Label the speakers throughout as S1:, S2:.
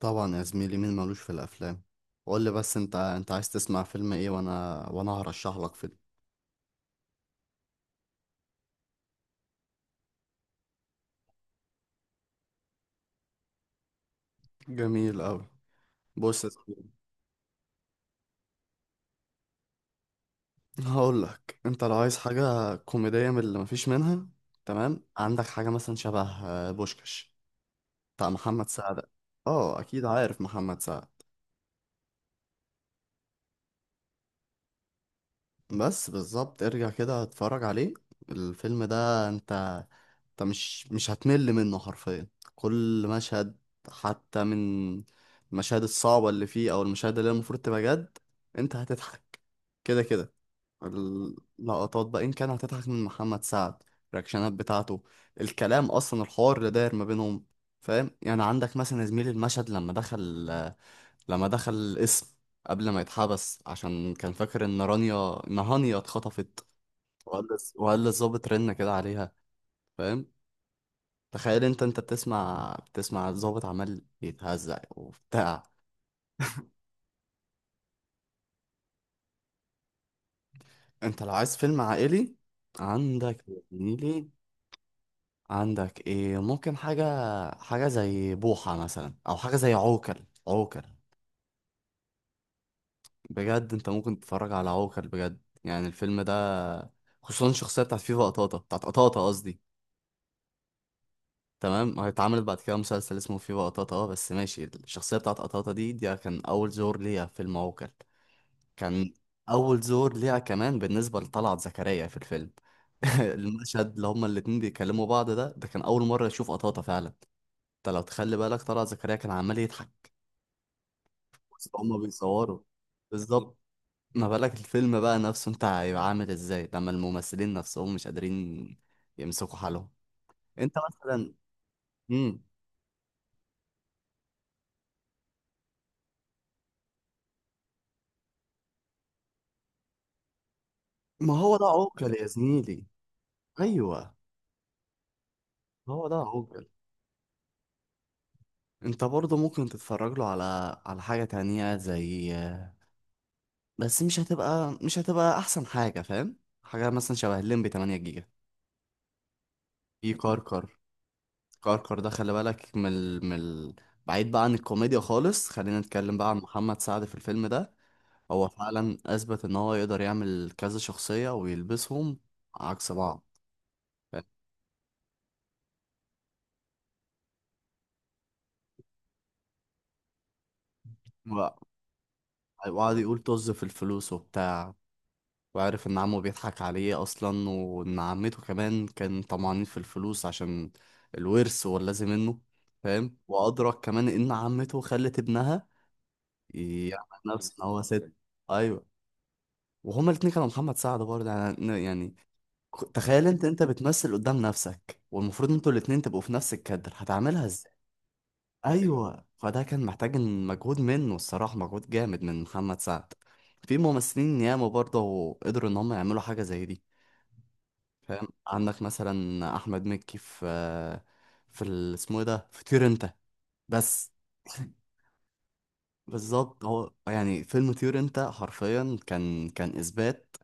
S1: طبعا يا زميلي، مين مالوش في الافلام؟ قول لي بس، انت عايز تسمع فيلم ايه؟ وانا هرشح لك فيلم. جميل قوي. بص يا زميلي، هقول لك، انت لو عايز حاجه كوميديه من اللي مفيش منها، تمام؟ عندك حاجه مثلا شبه بوشكاش بتاع محمد سعد. اه، اكيد عارف محمد سعد. بس بالظبط، ارجع كده اتفرج عليه. الفيلم ده انت انت مش هتمل منه حرفيا. كل مشهد، حتى من المشاهد الصعبة اللي فيه او المشاهد اللي هي المفروض تبقى جد، انت هتضحك كده كده. اللقطات بقى، ان كان هتضحك من محمد سعد، الرياكشنات بتاعته، الكلام اصلا، الحوار اللي داير ما بينهم. فاهم؟ يعني عندك مثلا يا زميلي المشهد لما دخل، لما دخل القسم، قبل ما يتحبس، عشان كان فاكر ان رانيا، ان هانيا اتخطفت، وقال للظابط رن كده عليها. فاهم؟ تخيل انت، انت بتسمع الظابط عمال يتهزق وبتاع. انت لو عايز فيلم عائلي، عندك يا زميلي، عندك ايه، ممكن حاجة، حاجة زي بوحة مثلا، او حاجة زي عوكل. عوكل بجد، انت ممكن تتفرج على عوكل بجد. يعني الفيلم ده، خصوصا الشخصية بتاعت فيفا قطاطا، بتاعت قطاطا قصدي، تمام؟ اتعملت بعد كده مسلسل اسمه فيفا قطاطا، اه، بس ماشي. الشخصية بتاعت قطاطا دي، كان أول زور ليها في الموكل. كان أول زور ليها كمان بالنسبة لطلعت زكريا في الفيلم. المشهد اللي هما الاتنين بيكلموا بعض ده، كان أول مرة يشوف قطاطا فعلا. انت لو تخلي بالك طلعت زكريا كان عمال يضحك، بس هما بيصوروا. بالظبط. ما بالك الفيلم بقى نفسه، انت هيبقى عامل ازاي لما الممثلين نفسهم مش قادرين يمسكوا حالهم؟ انت مثلا. مم. ما هو ده عوكل يا زميلي. ايوه، هو ده عوجل. انت برضه ممكن تتفرج له على، على حاجة تانية زي، بس مش هتبقى احسن حاجة. فاهم؟ حاجة مثلا شبه الليمبي 8 جيجا. في كركر. كركر ده خلي بالك من ال... من ال... بعيد بقى عن الكوميديا خالص، خلينا نتكلم بقى عن محمد سعد في الفيلم ده. هو فعلا اثبت ان هو يقدر يعمل كذا شخصية ويلبسهم عكس بعض. فاهم؟ وقعد يقول طز في الفلوس وبتاع، وعارف ان عمه بيضحك عليه اصلا، وان عمته كمان كان طمعانين في الفلوس عشان الورث واللازم منه. فاهم؟ وادرك كمان ان عمته خلت ابنها يعمل نفسه ان هو ست. ايوه. وهما الاتنين كانوا محمد سعد برضه. يعني يعني تخيل انت، انت بتمثل قدام نفسك، والمفروض انتوا الاتنين تبقوا في نفس الكادر. هتعملها ازاي؟ ايوه، فده كان محتاج إن، مجهود منه الصراحه، مجهود جامد من محمد سعد. في ممثلين ياما برضه قدروا ان هم يعملوا حاجه زي دي. فاهم؟ عندك مثلا احمد مكي في، في ال- اسمه ايه ده، في طير انت. بس بالظبط، هو يعني فيلم طير انت حرفيا كان، كان اثبات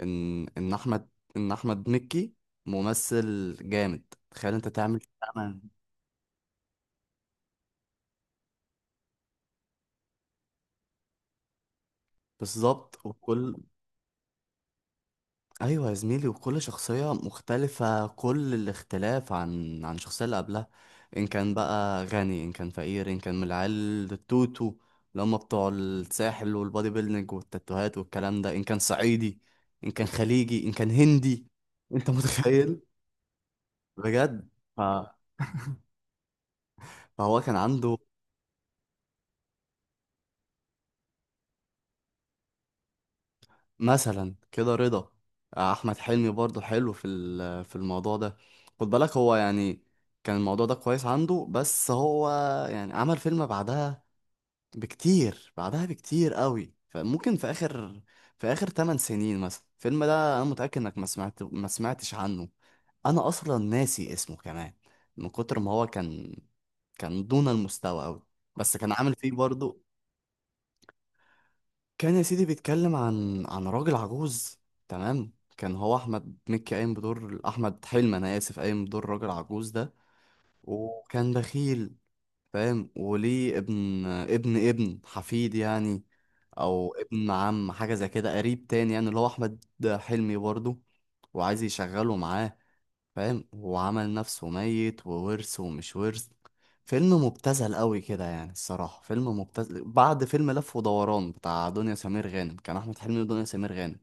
S1: ان احمد، ان احمد مكي ممثل جامد. تخيل انت تعمل تعمل. بالظبط. وكل، ايوه يا زميلي، وكل شخصيه مختلفه كل الاختلاف عن، عن الشخصيه اللي قبلها. ان كان بقى غني، ان كان فقير، ان كان من العيال التوتو اللي هم بتوع الساحل والبادي بيلدينج والتاتوهات والكلام ده، ان كان صعيدي، ان كان خليجي، ان كان هندي. انت متخيل؟ بجد. ف... فهو كان عنده. مثلا كده رضا. احمد حلمي برضو حلو في ال- في الموضوع ده. خد بالك، هو يعني كان الموضوع ده كويس عنده، بس هو يعني عمل فيلم بعدها بكتير، بعدها بكتير قوي. فممكن في اخر، في اخر 8 سنين مثلا، الفيلم ده انا متأكد انك ما سمعتش عنه. انا اصلا ناسي اسمه كمان، من كتر ما هو كان، كان دون المستوى قوي. بس كان عامل فيه برضو. كان يا سيدي بيتكلم عن، عن راجل عجوز، تمام؟ كان هو احمد مكي قايم بدور، احمد حلمي انا اسف، قايم بدور راجل عجوز ده، وكان بخيل. فاهم؟ وليه ابن، ابن حفيد يعني، او ابن عم، حاجه زي كده، قريب تاني يعني، اللي هو احمد حلمي برضه، وعايز يشغله معاه. فاهم؟ وعمل نفسه ميت، وورث ومش ورث. فيلم مبتذل قوي كده يعني الصراحة، فيلم مبتذل بعد فيلم لف ودوران بتاع دنيا سمير غانم، كان أحمد حلمي ودنيا سمير غانم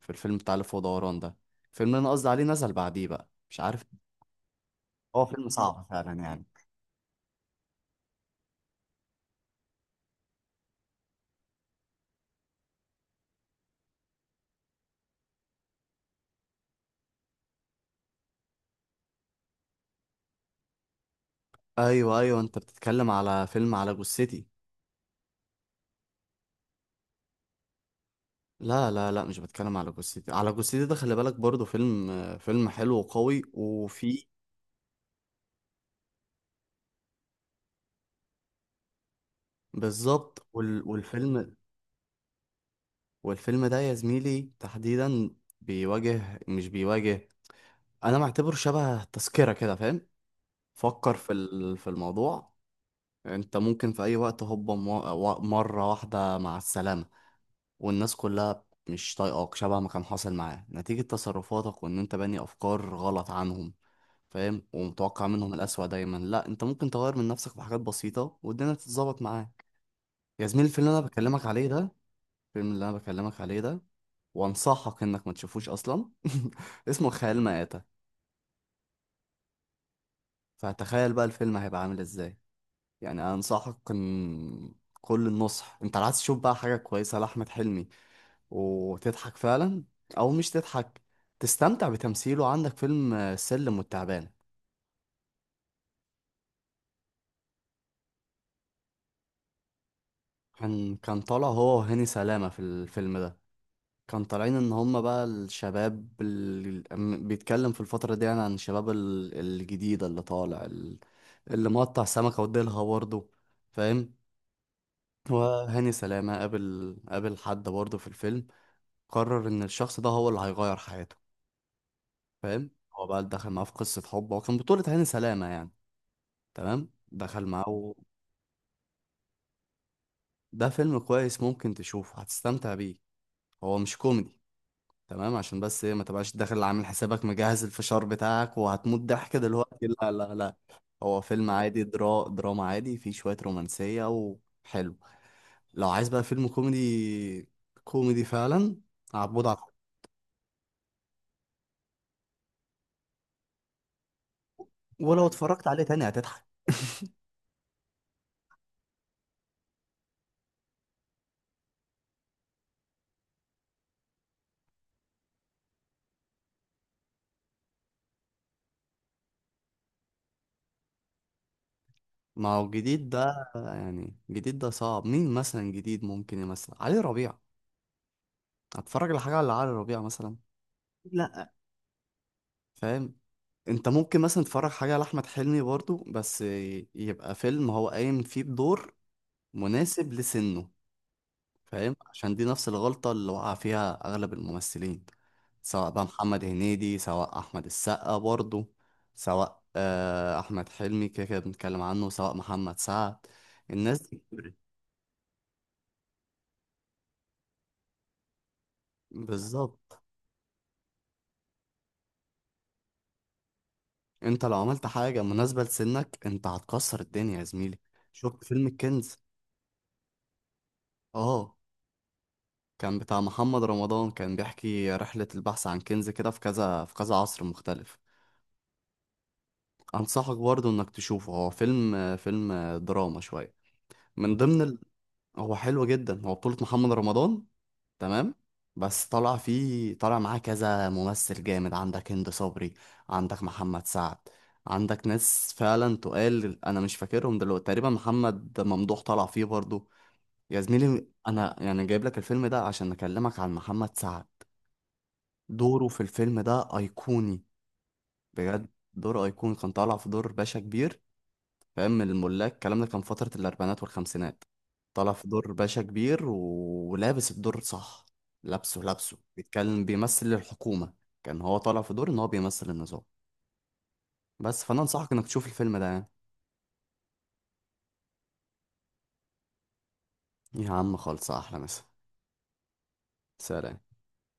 S1: في الفيلم بتاع لف ودوران ده. الفيلم اللي أنا قصدي عليه نزل بعديه بقى، مش عارف. هو فيلم صعب فعلا يعني. أيوه، أنت بتتكلم على فيلم على جثتي. لا لا لا، مش بتكلم على جثتي. على جثتي ده خلي بالك برضه فيلم، فيلم حلو وقوي وفيه، بالظبط. وال... والفيلم، والفيلم ده يا زميلي تحديدا، بيواجه، مش بيواجه، انا معتبره شبه تذكرة كده. فاهم؟ فكر في ال- في الموضوع. انت ممكن في اي وقت هوبا، مرة واحدة مع السلامة، والناس كلها مش طايقاك، شبه ما كان حاصل معاه، نتيجة تصرفاتك وان انت باني افكار غلط عنهم. فاهم؟ ومتوقع منهم الأسوأ دايما. لا، انت ممكن تغير من نفسك في حاجات بسيطة والدنيا تتظبط معاك. يا زميلي الفيلم اللي انا بكلمك عليه ده، الفيلم اللي انا بكلمك عليه ده، وانصحك انك ما تشوفوش اصلا، اسمه خيال مآتة. فتخيل بقى الفيلم هيبقى عامل ازاي. يعني انا انصحك ان، كل النصح، انت عايز تشوف بقى حاجة كويسة لأحمد حلمي وتضحك فعلا، او مش تضحك، تستمتع بتمثيله، عندك فيلم السلم والتعبان. كان، كان طالع هو وهاني سلامة في الفيلم ده. كان طالعين ان هم بقى الشباب ال- أم- بيتكلم في الفترة دي يعني عن الشباب ال- الجديدة اللي طالع ال- اللي مقطع سمكة وديلها برضه. فاهم؟ وهاني سلامة قابل حد برضه في الفيلم، قرر ان الشخص ده هو اللي هيغير حياته. فاهم؟ هو بقى دخل معاه في قصة حب، هو كان بطولة هاني سلامة يعني، تمام؟ دخل معاه و... ده فيلم كويس ممكن تشوفه، هتستمتع بيه. هو مش كوميدي، تمام؟ عشان بس ايه، ما تبقاش داخل عامل حسابك مجهز الفشار بتاعك وهتموت ضحك دلوقتي. لا لا لا، هو فيلم عادي، درا دراما عادي، فيه شوية رومانسية، وحلو. لو عايز بقى فيلم كوميدي، كوميدي فعلا، عبود على الحدود. ولو اتفرجت عليه تاني هتضحك. ما هو الجديد ده، يعني الجديد ده صعب. مين مثلا جديد؟ ممكن مثلا علي ربيع. هتفرج على حاجة على علي ربيع مثلا؟ لا. فاهم؟ انت ممكن مثلا تتفرج حاجة لأحمد حلمي برضو، بس يبقى فيلم هو قايم فيه بدور مناسب لسنه. فاهم؟ عشان دي نفس الغلطة اللي وقع فيها أغلب الممثلين، سواء بقى محمد هنيدي، سواء أحمد السقا برضه، سواء أحمد حلمي كده كده بنتكلم عنه، سواء محمد سعد. الناس دي كبرت. بالظبط. انت لو عملت حاجة مناسبة لسنك، انت هتكسر الدنيا يا زميلي. شفت فيلم الكنز؟ اه، كان بتاع محمد رمضان، كان بيحكي رحلة البحث عن كنز كده في كذا، في كذا عصر مختلف. انصحك برضه انك تشوفه، هو فيلم، فيلم دراما شويه، من ضمن ال... هو حلو جدا. هو بطولة محمد رمضان، تمام؟ بس طلع فيه، طلع معاه كذا ممثل جامد، عندك هند صبري، عندك محمد سعد، عندك ناس فعلا تقال انا مش فاكرهم دلوقتي. تقريبا محمد ممدوح طلع فيه برضه. يا زميلي انا يعني جايب لك الفيلم ده عشان اكلمك عن محمد سعد. دوره في الفيلم ده ايقوني. بجد. دور ايقوني. كان طالع في دور باشا كبير. فاهم؟ الملاك الكلام ده كان فترة الأربعينات والخمسينات. طلع في دور باشا كبير ولابس الدور صح. لابسه لابسه بيتكلم، بيمثل الحكومة. كان هو طالع في دور إن هو بيمثل النظام. بس فأنا أنصحك إنك تشوف الفيلم ده يعني. يا عم خالص، أحلى مسا. سلام.